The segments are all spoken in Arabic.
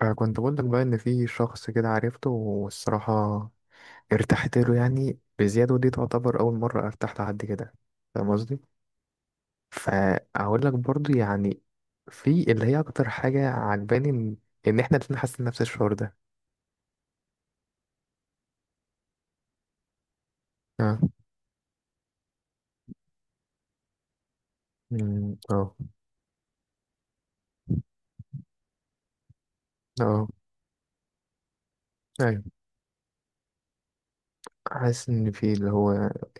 فكنت بقول لك بقى ان في شخص كده عرفته والصراحه ارتحت له يعني بزياده. ودي تعتبر اول مره ارتحت لحد كده، فاهم قصدي؟ فاقول لك برضو يعني في اللي هي اكتر حاجه عجباني إن احنا الاتنين حاسين نفس الشعور ده. اه. اه. اه. ايوه، حاسس ان في اللي هو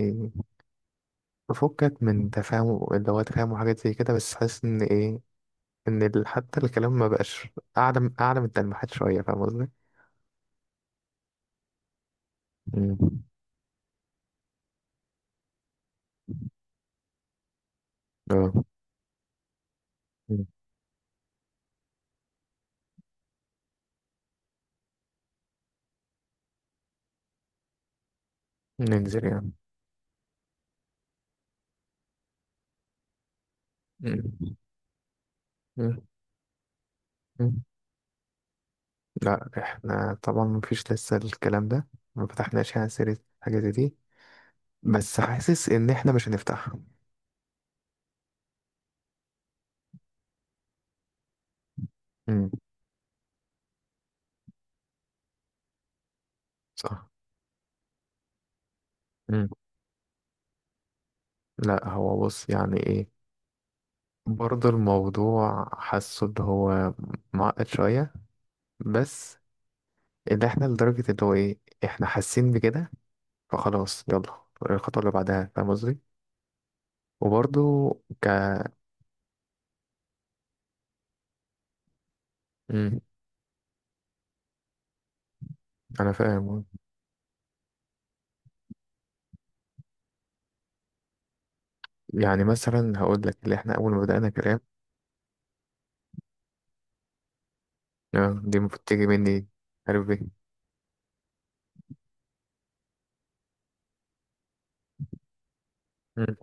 ايه، بفكك من تفاهم اللي هو تفاهم وحاجات زي كده، بس حاسس ان ايه، ان حتى الكلام ما بقاش اعلى من التلميحات شويه، فاهم قصدي؟ أمم، اه. مم. ننزل يعني. مم. مم. مم. لا احنا طبعا مفيش لسه الكلام ده، ما فتحناش يعني سيرة حاجة زي دي، بس حاسس ان احنا مش هنفتحها. مم. صح. مم. لا هو بص يعني ايه، برضه الموضوع حاسه اللي هو معقد شوية، بس اللي احنا لدرجة اللي هو ايه، احنا حاسين بكده، فخلاص يلا الخطوة اللي بعدها، فاهم قصدي؟ وبرضه. ك مم. انا فاهم. يعني مثلا هقول لك اللي احنا اول ما بدأنا كلام، آه، دي المفروض تيجي مني. عارف ايه. مم.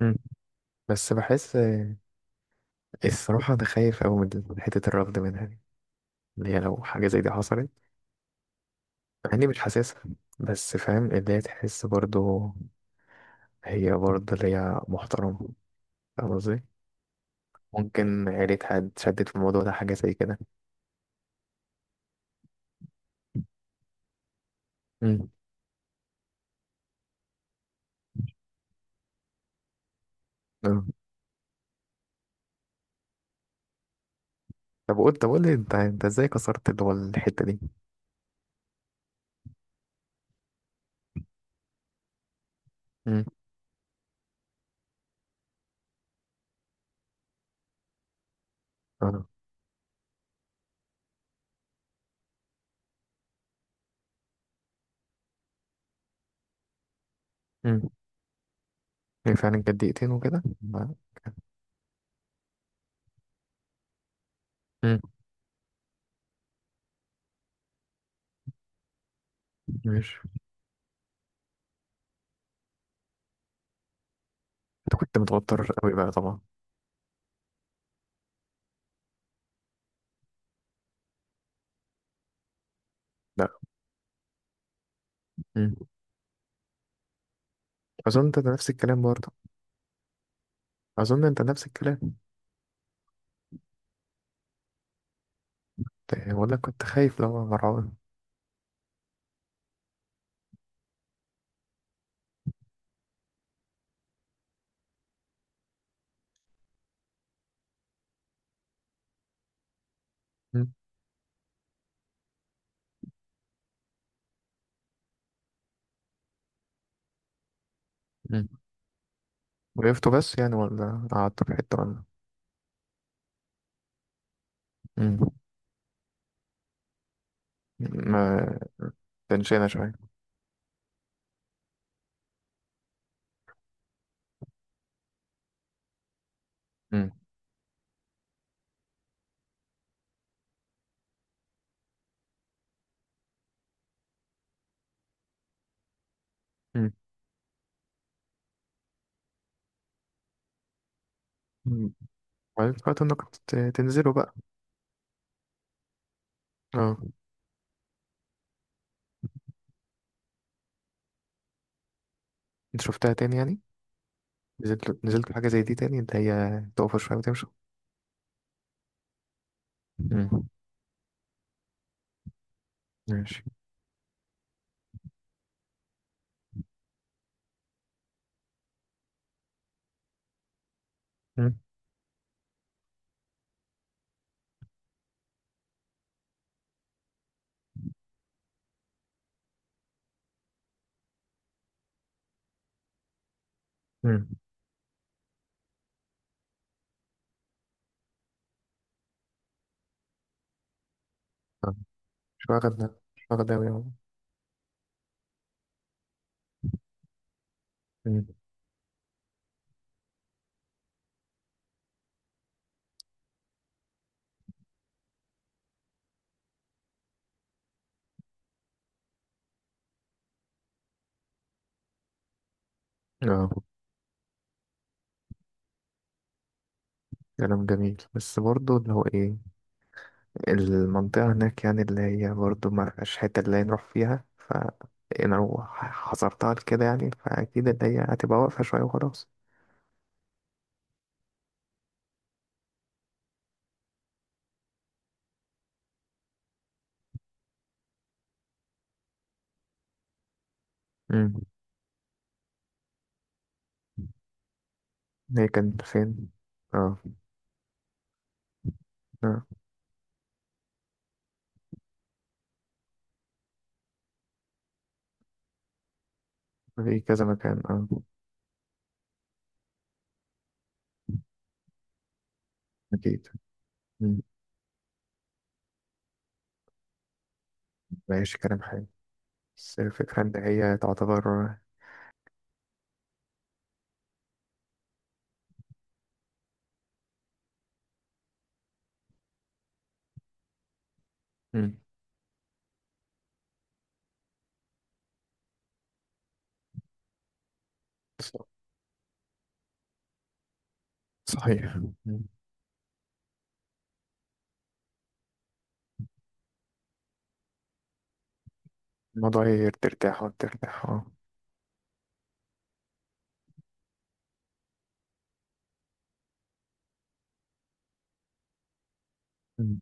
مم. بس بحس. آه. الصراحة انا خايف أوي من حتة الرفض منها دي، اللي هي لو حاجة زي دي حصلت. مع اني مش حاسسها، بس فاهم اللي هي تحس برضو، هي برضو اللي هي محترمة، فاهم قصدي؟ ممكن عيلتها اتشدت في الموضوع ده، حاجة زي كده. مم. آه. طب قول لي انت ازاي كسرت اللي هو الحتة دي. مم. اه. مم. هي فعلا كانت دقيقتين وكده. مم. ماشي. انت كنت متوتر قوي بقى طبعا. لا. مم. اظن انت نفس الكلام برضه. اظن انت نفس الكلام. إيه، ولا كنت خايف لو مرعون. مم. مم. وقفته بس يعني، ولا قعدت في حته، ولا؟ مم. ما تنشينا شويه. مم. مم. مم. وبعدين فكرت انك كنت تنزله بقى. اه. انت شفتها تاني يعني؟ نزلت حاجه زي دي تاني، اللي هي تقف شويه وتمشي. مم. ماشي. مم. مم. آه. مش واخد. مش واخد أوي أهو. مم. اه. كلام جميل، بس برضه اللي هو ايه، المنطقة هناك يعني اللي هي برضه ما فيهاش حتة اللي هي نروح فيها، ف أنا لو حصرتها كده يعني، فأكيد اللي هي هتبقى واقفة شوية وخلاص. امم. هي كان فين؟ اه. اه. في كذا مكان، اه. أكيد. امم. ماشي كلام حلو. بس الفكرة إن هي تعتبر. امم. ص- صحيح. مم. الموضوع هي ترتاح وترتاح، اه. مم.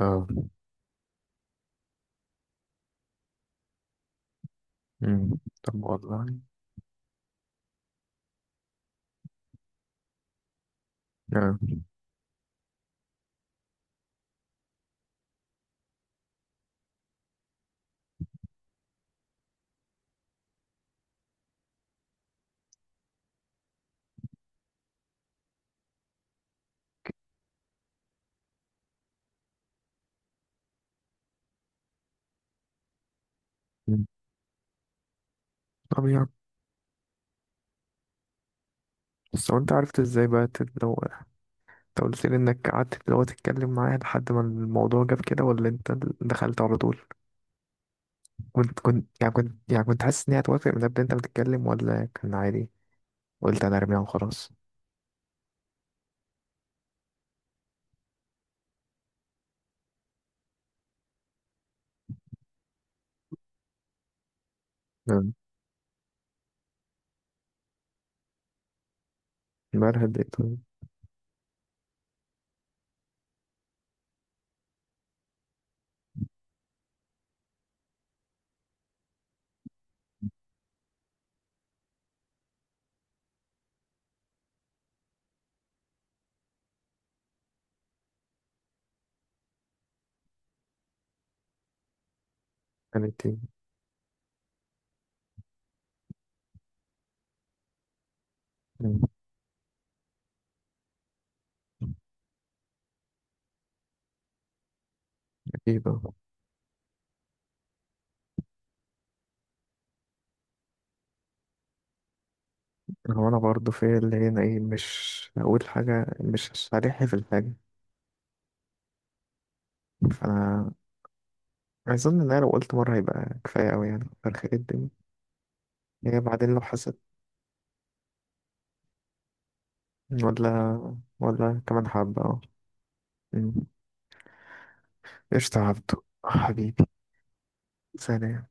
اه. مم. طب والله. اه. مم. طب يا، بس هو انت عرفت ازاي بقى انت قلت لي انك قعدت تتكلم معاه لحد ما الموضوع جاب كده، ولا انت دخلت على طول؟ كنت حاسس ان هي هتوافق من قبل انت بتتكلم، ولا كان عادي قلت انا ارميها وخلاص؟ مم. امبارح اديت. كانت ايه؟ مم. اكيد اه. هو انا برضه في اللي هنا ايه، مش هقول حاجة، مش صريح في الحاجة. فانا اظن ان انا لو قلت مرة هيبقى كفاية اوي، يعني فرخة الدنيا. هي بعدين لو حست. ولا ولا كمان حبة اه. مم. قشطة يا عبدو حبيبي. سلام.